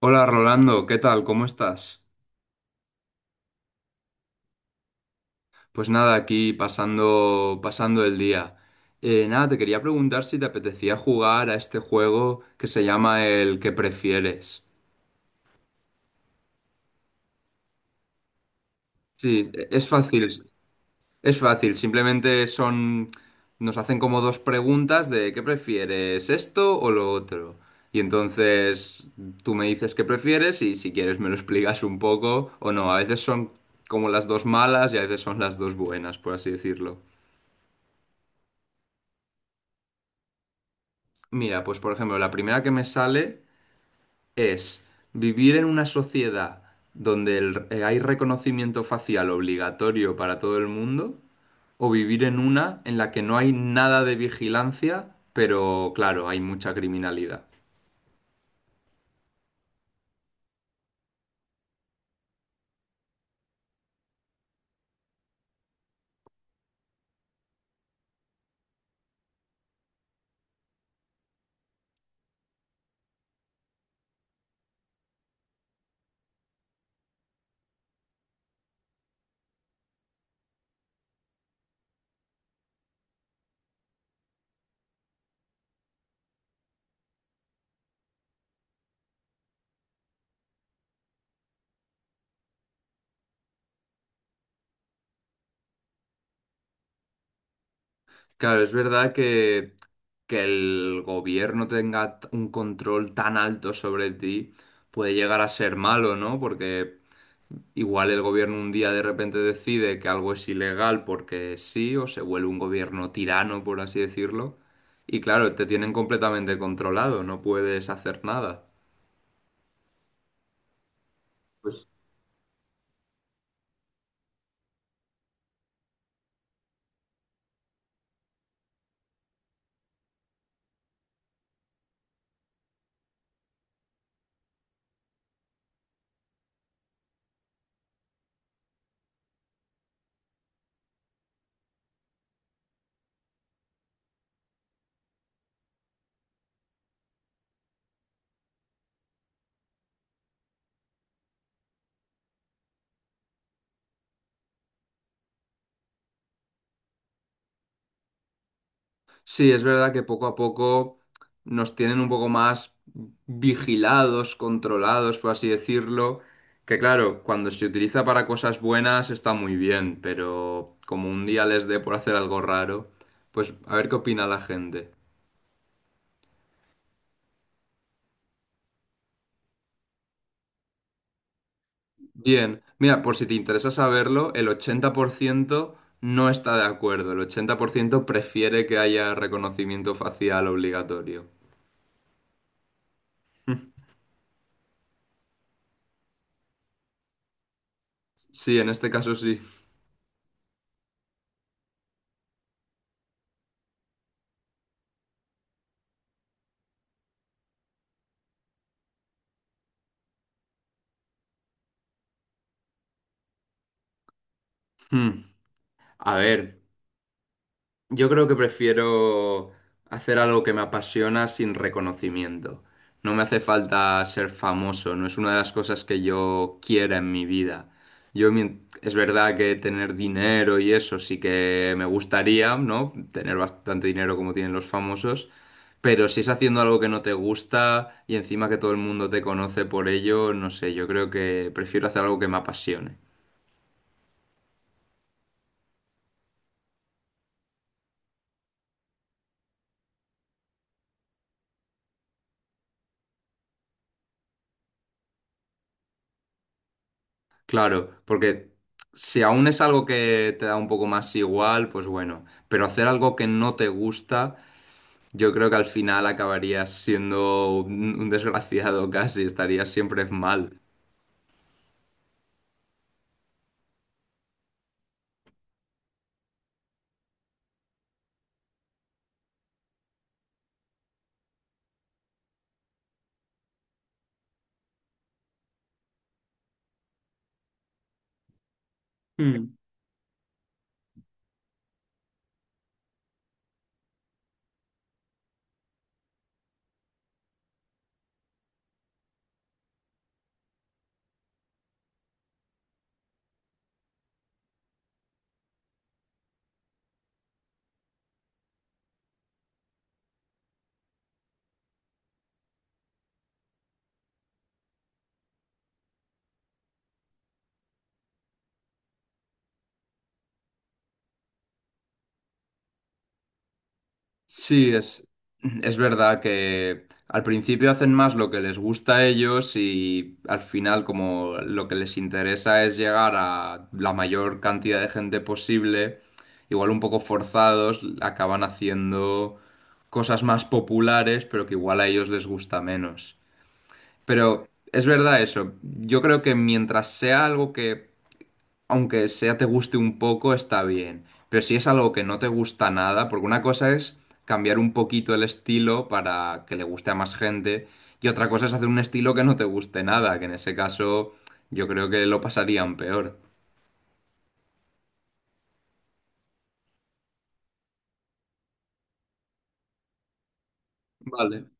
Hola Rolando, ¿qué tal? ¿Cómo estás? Pues nada, aquí pasando, pasando el día. Nada, te quería preguntar si te apetecía jugar a este juego que se llama el que prefieres. Sí, es fácil, simplemente son, nos hacen como dos preguntas de ¿qué prefieres, esto o lo otro? Y entonces tú me dices qué prefieres y si quieres me lo explicas un poco o no. A veces son como las dos malas y a veces son las dos buenas, por así decirlo. Mira, pues por ejemplo, la primera que me sale es vivir en una sociedad donde hay reconocimiento facial obligatorio para todo el mundo o vivir en una en la que no hay nada de vigilancia, pero claro, hay mucha criminalidad. Claro, es verdad que el gobierno tenga un control tan alto sobre ti puede llegar a ser malo, ¿no? Porque igual el gobierno un día de repente decide que algo es ilegal porque sí, o se vuelve un gobierno tirano, por así decirlo. Y claro, te tienen completamente controlado, no puedes hacer nada. Pues sí, es verdad que poco a poco nos tienen un poco más vigilados, controlados, por así decirlo. Que claro, cuando se utiliza para cosas buenas está muy bien, pero como un día les dé por hacer algo raro, pues a ver qué opina la gente. Bien, mira, por si te interesa saberlo, el 80% no está de acuerdo, el 80% prefiere que haya reconocimiento facial obligatorio. Sí, en este caso sí. Hmm. A ver. Yo creo que prefiero hacer algo que me apasiona sin reconocimiento. No me hace falta ser famoso, no es una de las cosas que yo quiera en mi vida. Es verdad que tener dinero y eso sí que me gustaría, ¿no? Tener bastante dinero como tienen los famosos, pero si es haciendo algo que no te gusta y encima que todo el mundo te conoce por ello, no sé, yo creo que prefiero hacer algo que me apasione. Claro, porque si aún es algo que te da un poco más igual, pues bueno, pero hacer algo que no te gusta, yo creo que al final acabarías siendo un desgraciado casi, estarías siempre mal. Mm. Sí, es verdad que al principio hacen más lo que les gusta a ellos y al final como lo que les interesa es llegar a la mayor cantidad de gente posible, igual un poco forzados, acaban haciendo cosas más populares, pero que igual a ellos les gusta menos. Pero es verdad eso, yo creo que mientras sea algo que aunque sea te guste un poco, está bien. Pero si es algo que no te gusta nada, porque una cosa es cambiar un poquito el estilo para que le guste a más gente, y otra cosa es hacer un estilo que no te guste nada, que en ese caso yo creo que lo pasarían peor. Vale.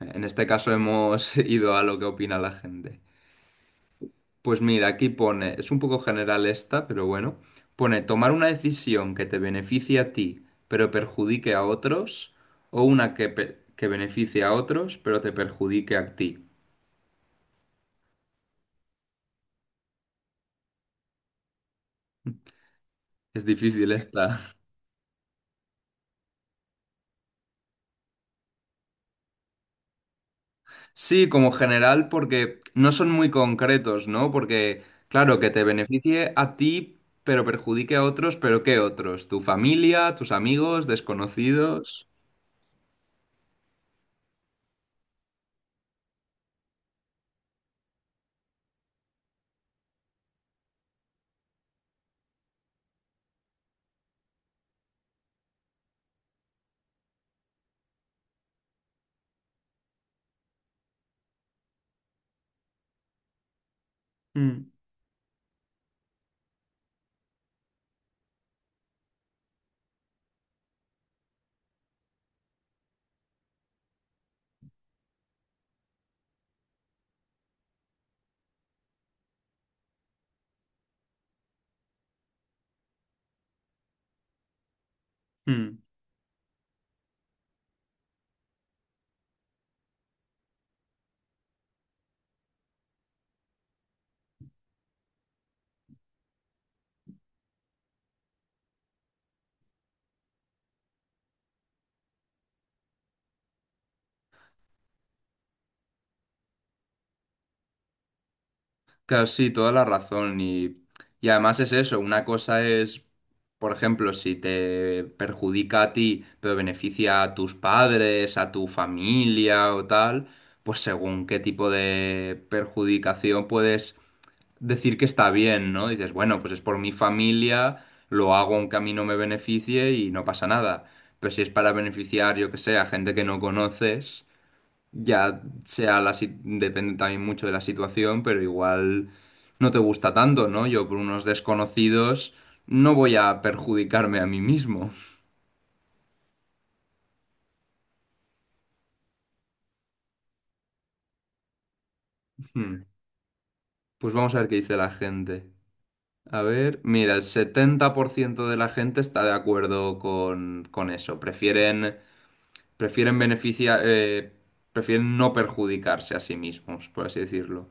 En este caso hemos ido a lo que opina la gente. Pues mira, aquí pone, es un poco general esta, pero bueno, pone tomar una decisión que te beneficie a ti, pero perjudique a otros, o una que, que beneficie a otros, pero te perjudique a ti. Es difícil esta. Sí, como general, porque no son muy concretos, ¿no? Porque, claro, que te beneficie a ti, pero perjudique a otros, pero ¿qué otros? ¿Tu familia, tus amigos, desconocidos? Mm, mm. Claro, sí, toda la razón. Y además es eso, una cosa es, por ejemplo, si te perjudica a ti, pero beneficia a tus padres, a tu familia o tal, pues según qué tipo de perjudicación puedes decir que está bien, ¿no? Dices, bueno, pues es por mi familia, lo hago aunque a mí no me beneficie y no pasa nada. Pero si es para beneficiar, yo que sé, a gente que no conoces. Ya sea la, si- depende también mucho de la situación, pero igual no te gusta tanto, ¿no? Yo por unos desconocidos no voy a perjudicarme a mí mismo. Hmm. Pues vamos a ver qué dice la gente. A ver, mira, el 70% de la gente está de acuerdo con eso. Prefieren, prefieren beneficiar, prefieren no perjudicarse a sí mismos, por así decirlo.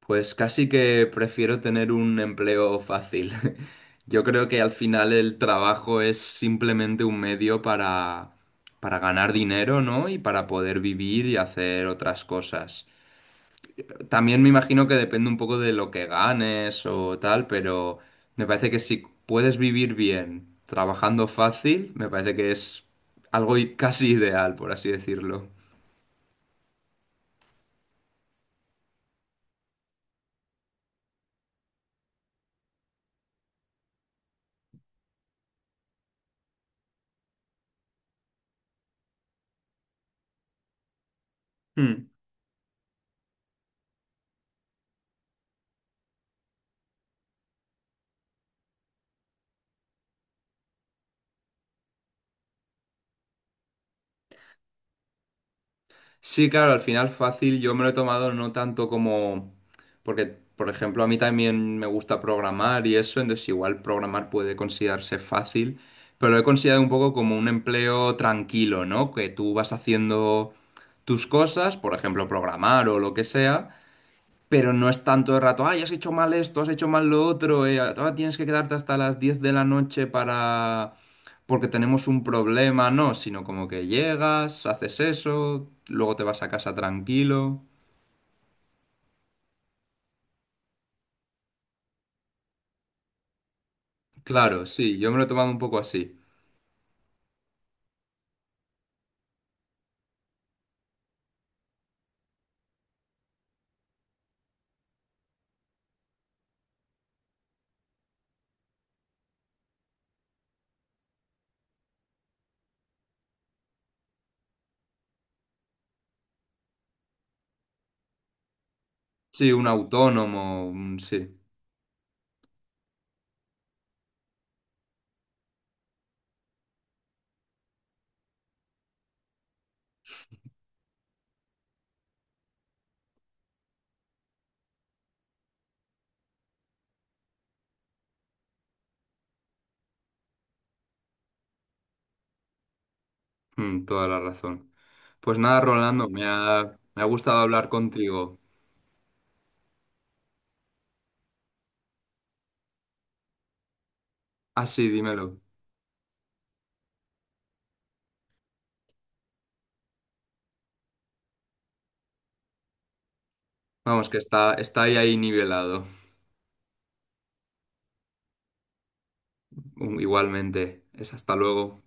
Pues casi que prefiero tener un empleo fácil. Yo creo que al final el trabajo es simplemente un medio para ganar dinero, ¿no? Y para poder vivir y hacer otras cosas. También me imagino que depende un poco de lo que ganes o tal, pero me parece que si puedes vivir bien trabajando fácil, me parece que es casi ideal, por así decirlo. Hmm. Sí, claro, al final fácil yo me lo he tomado no tanto como... Porque, por ejemplo, a mí también me gusta programar y eso, entonces igual programar puede considerarse fácil, pero lo he considerado un poco como un empleo tranquilo, ¿no? Que tú vas haciendo tus cosas, por ejemplo, programar o lo que sea pero no es tanto de rato, ay, has hecho mal esto, has hecho mal lo otro, tienes que quedarte hasta las 10 de la noche para... porque tenemos un problema, no, sino como que llegas, haces eso, luego te vas a casa tranquilo. Claro, sí, yo me lo he tomado un poco así. Sí, un autónomo, un- sí. Mm, toda la razón. Pues nada, Rolando, me ha gustado hablar contigo. Ah, sí, dímelo. Vamos, que está, está ahí, ahí nivelado. Mm, igualmente. Es hasta luego.